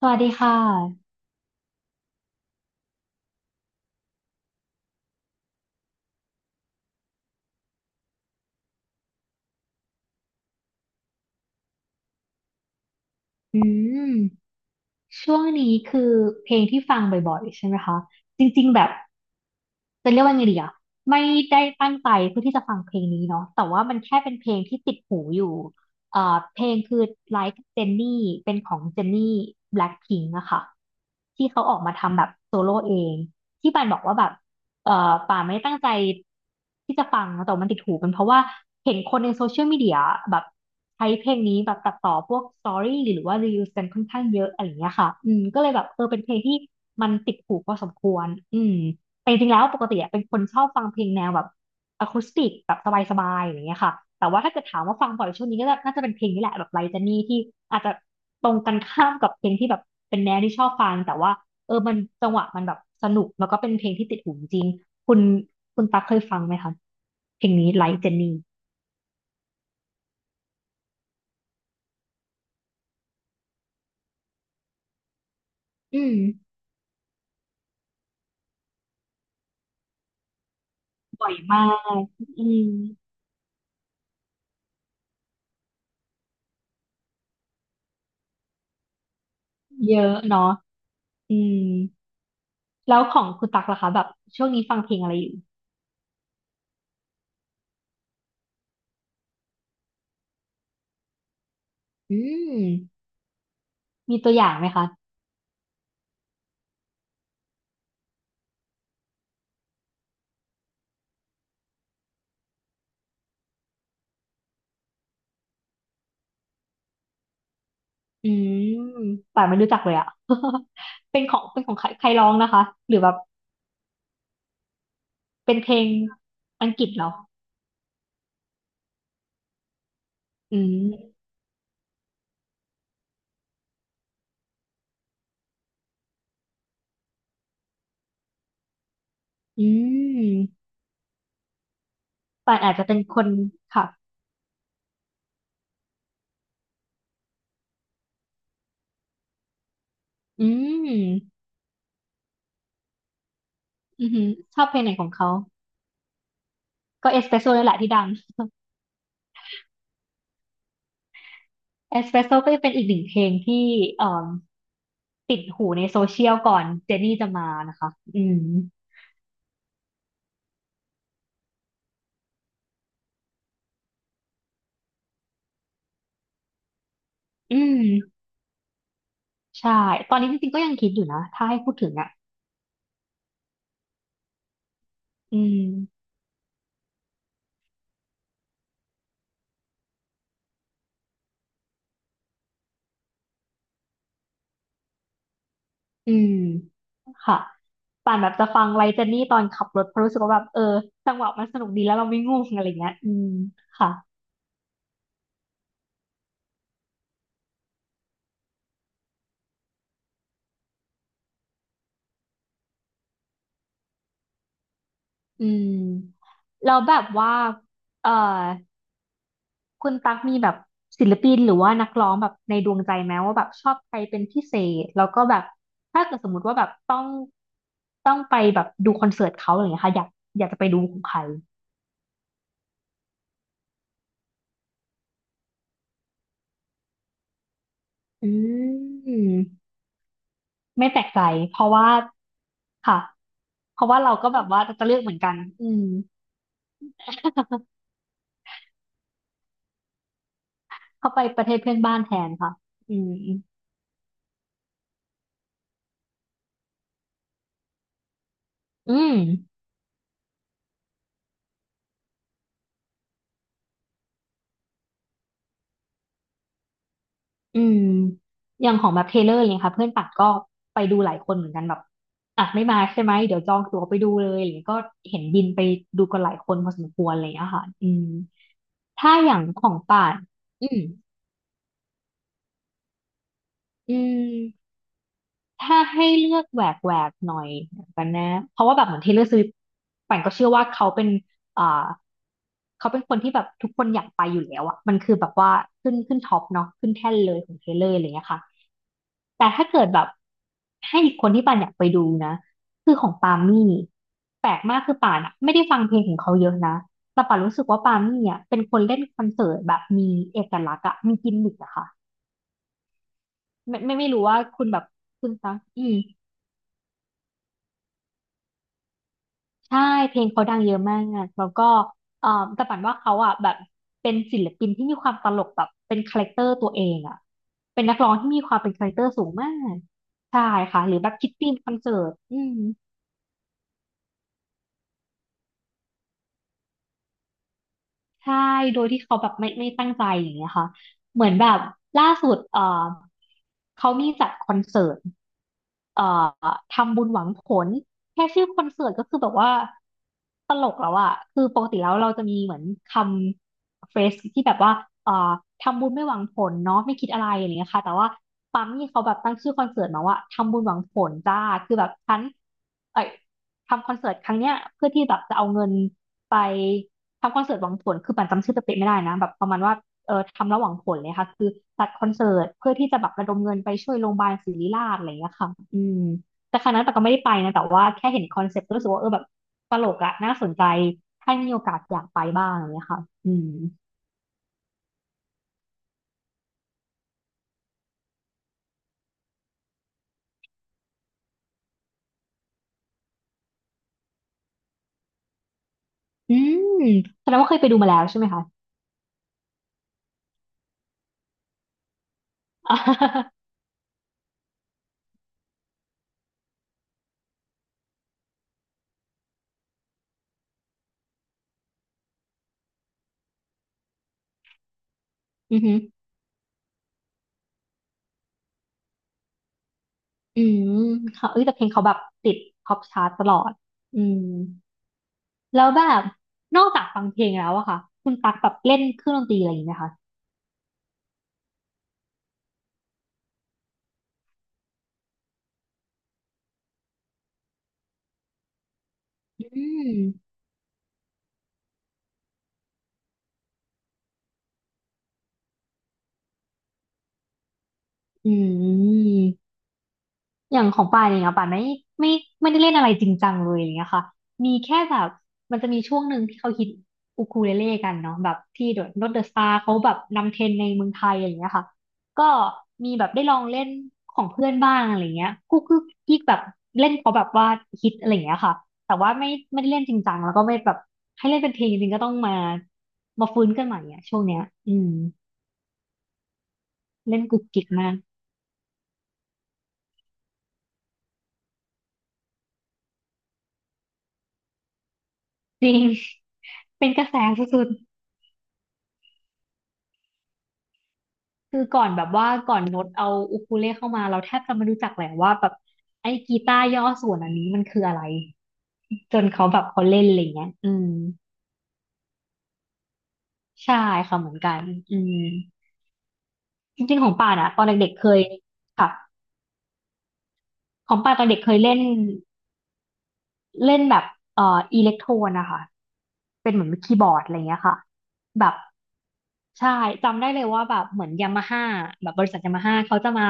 สวัสดีค่ะอืมช่วงนี้คือเพลงที่ฟังบ่อยๆใช่ไหมคะ จริงๆแบบ จะเรียกว่าไงดีอ่ะไม่ได้ตั้งใจเพื่อที่จะฟังเพลงนี้เนาะแต่ว่ามันแค่เป็นเพลงที่ติดหูอยู่เอ่อเพลงคือ Like Jennie เป็นของ Jenny Blackpink อะค่ะที่เขาออกมาทำแบบโซโล่เองที่ปานบอกว่าแบบป่านไม่ได้ตั้งใจที่จะฟังแต่ว่ามันติดหูเป็นเพราะว่าเห็นคนในโซเชียลมีเดียแบบใช้เพลงนี้แบบตัดต่อพวกสตอรี่หรือว่ารีวิวกันค่อนข้างเยอะอะไรอย่างเงี้ยค่ะอืมก็เลยแบบเออเป็นเพลงที่มันติดหูพอสมควรอืม แต่จริงๆแล้วปกติอะเป็นคนชอบฟังเพลงแนวแบบอะคูสติกแบบสบายๆอย่างเงี้ยค่ะแต่ว่าถ้าเกิดถามว่าฟังบ่อยช่วงนี้ก็น่าจะเป็นเพลงนี้แหละแบบไลจานี่ที่อาจจะตรงกันข้ามกับเพลงที่แบบเป็นแนวที่ชอบฟังแต่ว่าเออมันจังหวะมันแบบสนุกแล้วก็เป็นเพลงที่ติดหูจริงคุณคุณตั๊กเคยฟังไหมคะเพลงนี้ไลจานี่อืมบ่อยมากอืมเยอะเนาะอืมแล้วของคุณตั๊กล่ะคะแบบช่วงนี้ฟังเพลงอะไรอยู่อืมมีตัวอย่างไหมคะ อืมป่านไม่รู้จักเลยอ่ะ เป็นของเป็นของใครใครร้องนะคะหรือแบบเป็นเพลงอังกฤษเหรออืมอืมป่านอาจจะเป็นคนค่ะอืมอือหือชอบเพลงไหนของเขาก็เอสเปรสโซ่นี่แหละที่ดังเอสเปรสโซ่ก็จะเป็นอีกหนึ่งเพลงที่เอ่อติดหูในโซเชียลก่อนเจนนี่จะมานะคะอืมอืมใช่ตอนนี้จริงๆก็ยังคิดอยู่นะถ้าให้พูดถึงอ่ะอืม อืมค่ะป่านแบบจะฟังไลเจนนี่ตอนขับรถเพราะรู้สึกว่าแบบเออจังหวะมันสนุกดีแล้วเราไม่ง่วงอะไรเงี้ยอืมค่ะอืมแล้วแบบว่าเอ่อคุณตั๊กมีแบบศิลปินหรือว่านักร้องแบบในดวงใจไหมว่าแบบชอบใครเป็นพิเศษแล้วก็แบบถ้าเกิดสมมติว่าแบบต้องไปแบบดูคอนเสิร์ตเขาอะไรเงี้ยค่ะอยากจะไปดูของใครอืมไม่แปลกใจเพราะว่าค่ะเพราะว่าเราก็แบบว่าจะเลือกเหมือนกันอืม เขาไปประเทศเพื่อนบ้านแทนค่ะอืมอืมอืมอย่างของแบบเทเลอร์เลยค่ะ เพื่อนปัดก็ไปดูหลายคนเหมือนกันแบบอ่ะไม่มาใช่ไหม เดี๋ยวจองตั๋วไปดูเลยอะไรอย่างเงี้ยก็เห็นบินไปดูกันหลายคนพอสมควรอะไรอย่างเลยอะค่ะอืมถ้าอย่างของป่านอืมอืม ถ้าให้เลือกแหวกแหวกหน่อยกันนะเพราะว่าแบบเหมือน Taylor Swift ปั่นก็เชื่อว่าเขาเป็นอ่าเขาเป็นคนที่แบบทุกคนอยากไปอยู่แล้วอะมันคือแบบว่าขึ้นท็อปเนาะขึ้นแท่นเลยของ Taylor อร์อะไรเงี้ยค่ะแต่ถ้าเกิดแบบให้อีกคนที่ป่านอยากไปดูนะคือของปามี่แปลกมากคือป่านอะไม่ได้ฟังเพลงของเขาเยอะนะแต่ป่านรู้สึกว่าปามี่อะเป็นคนเล่นคอนเสิร์ตแบบมีเอกลักษณ์อะมีกิมมิคอะค่ะไม่รู้ว่าคุณแบบคุณฟังอืม ใช่เพลงเขาดังเยอะมากอะแล้วก็เอ่อแต่ปันว่าเขาอ่ะแบบเป็นศิลปินที่มีความตลกแบบเป็นคาแรคเตอร์ตัวเองอ่ะเป็นนักร้องที่มีความเป็นคาแรคเตอร์สูงมากใช่ค่ะหรือแบบคิดธีมคอนเสิร์ตอืมใช่โดยที่เขาแบบไม่ตั้งใจอย่างเงี้ยค่ะเหมือนแบบล่าสุดเขามีจัดคอนเสิร์ต เอ่อทำบุญหวังผลแค่ชื่อคอนเสิร์ตก็คือแบบว่าตลกแล้วอะคือปกติแล้วเราจะมีเหมือนคำเฟสที่แบบว่าเอ่อทำบุญไม่หวังผลเนาะไม่คิดอะไรอย่างเงี้ยค่ะแต่ว่าปั๊มนี่เขาแบบตั้งชื่อคอนเสิร์ตมาว่าทำบุญหวังผลจ้าคือแบบฉันเอ้ยทำคอนเสิร์ตครั้งเนี้ยเพื่อที่แบบจะเอาเงินไปทำคอนเสิร์ตหวังผลคือปั่นจำชื่อเป๊ะๆไม่ได้นะแบบประมาณว่า ทำระหว่างผลเลยค่ะคือจัดคอนเสิร์ตเพื่อที่จะแบบระดมเงินไปช่วยโรงพยาบาลศิริราชอะไรอย่างเงี้ยค่ะอืมแต่ครั้งนั้นแต่ก็ไม่ได้ไปนะแต่ว่าแค่เห็นคอนเซ็ปต์ก็รู้สึกว่าเออแบบตลกอะน่าสนใจถ้ามีโอกาสอยากไปบ้างอะไรอย่างเงี้ยค่ะอืมอืมแสดงว่าเคยไปดูมาแล้วใช่ไหมคะอา อือหืออืมค่ะเอ้ยแต่เพลงเขาแบบติดท็อปชาร์ตตลอดอืมแล้วแบบนอกจากฟังเพลงแล้วอะค่ะคุณตักแบบเล่นเครื่องดนตรีอะไรอย่างนี้ไหมคะอืมอืม อย่างของป่านเองอะป่านไม่ไม่ได้เล่นอะไรจริงจังเลยอย่างเงี้ยค่ะมีแค่แบบมันจะมีช่วงหนึ่งที่เขาฮิตอูคูเลเล่กันเนาะแบบที่เดอะโนดเดอะสตาร์เขาแบบนำเทรนด์ในเมืองไทยอย่างเงี้ยค่ะก็มีแบบได้ลองเล่นของเพื่อนบ้างอะไรเงี้ยกุ๊กกิ๊กกิ๊กแบบเล่นเขาแบบว่าฮิตอะไรเงี้ยค่ะแต่ว่าไม่ไม่ได้เล่นจริงจังแล้วก็ไม่แบบให้เล่นเป็นเพลงจริงๆก็ต้องมาฟื้นกันใหม่อะช่วงเนี้ยอืมเล่นกุ๊กกิ๊กมากจริง เป็นกระแสสุด คือก่อนแบบว่าก่อนโน้ตเอาอูคูเลเข้ามาเราแทบจะไม่รู้จักแหละว่าแบบไอ้กีตาร์ย่อส่วนอันนี้มันคืออะไรจนเขาแบบเขาเล่นอะไรอย่างเงี้ยอืมใช่ค่ะเหมือนกันอืมจริงๆของป่านอะตอนเด็กๆเคยค่ะของป่านตอนเด็กเคยเล่นเล่นแบบอิเล็กโทรนนะคะเป็นเหมือนคีย์บอร์ดอะไรเงี้ยค่ะแบบ ใช่จำได้เลยว่าแบบเหมือนยามาฮ่าแบบบริษัทยามาฮ่าเขาจะมา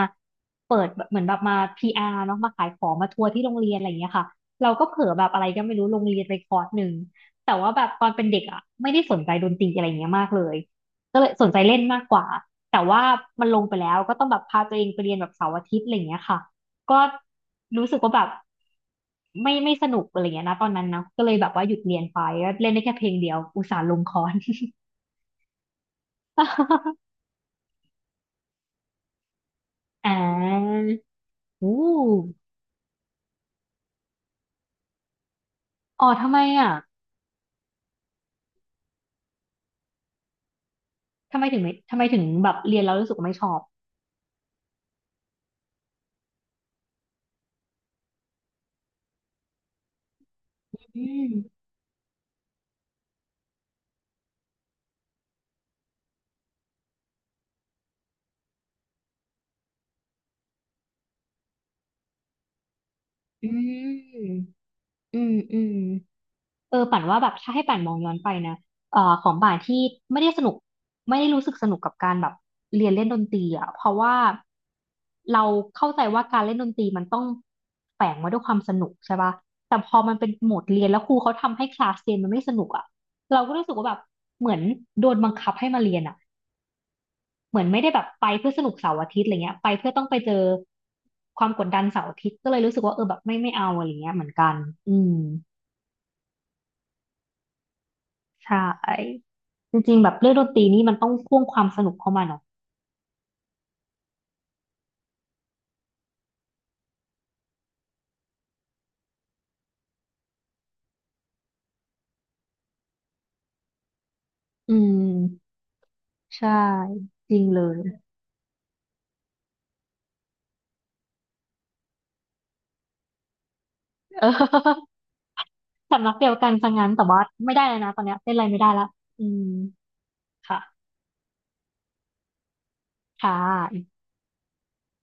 เปิดแบบเหมือนแบบมา PR เนาะมาขายของมาทัวร์ที่โรงเรียนอะไรอย่างเงี้ยค่ะเราก็เผลอแบบอะไรก็ไม่รู้ลงเรียนไปคอร์สหนึ่งแต่ว่าแบบตอนเป็นเด็กอ่ะไม่ได้สนใจดนตรีอะไรอย่างเงี้ยมากเลยก็เลยสนใจเล่นมากกว่าแต่ว่ามันลงไปแล้วก็ต้องแบบพาตัวเองไปเรียนแบบเสาร์อาทิตย์อะไรอย่างเงี้ยค่ะก็รู้สึกว่าแบบไม่ไม่สนุกอะไรอย่างเงี้ยนะตอนนั้นนะก็เลยแบบว่าหยุดเรียนไปก็เล่นได้แค่เพลงเดียวอุตส่าห์ลงคอร์ส อ่าโอ้อ๋อทำไมอ่ะทำไมถึงไม่ทำไมถึงแบบเรียนแล้วรู้สึกว่าไม่ชอบอืมอืมอืมอืมเออป่านว่าแบบถ้าให้ป่านมองย้อนไปนะของป่านที่ไม่ได้สนุกไม่ได้รู้สึกสนุกกับการแบบเรียนเล่นดนตรีอ่ะเพราะว่าเราเข้าใจว่าการเล่นดนตรีมันต้องแฝงมาด้วยความสนุกใช่ป่ะแต่พอมันเป็นโหมดเรียนแล้วครูเขาทำให้คลาสเรียนมันไม่สนุกอ่ะเราก็รู้สึกว่าแบบเหมือนโดนบังคับให้มาเรียนอ่ะ เหมือนไม่ได้แบบไปเพื่อสนุกเสาร์อาทิตย์อะไรเงี้ยไปเพื่อต้องไปเจอความกดดันเสาร์อาทิตย์ก็เลยรู้สึกว่าเออแบบไม่ไม่เอาอะไรเงี้ยเหมือนกันอืมใช่จริงๆแบบเรื่องดนตรีนี่มันต้องพ่วงความสนุกเข้ามาเนาะอืมใช่จริงเลย เออสำนักเดียวกันซะงั้นแต่ว่าไม่ได้เลยนะตอนเนี้ยเต้นอะไรไม่ได้ละอืมค่ะค่ะ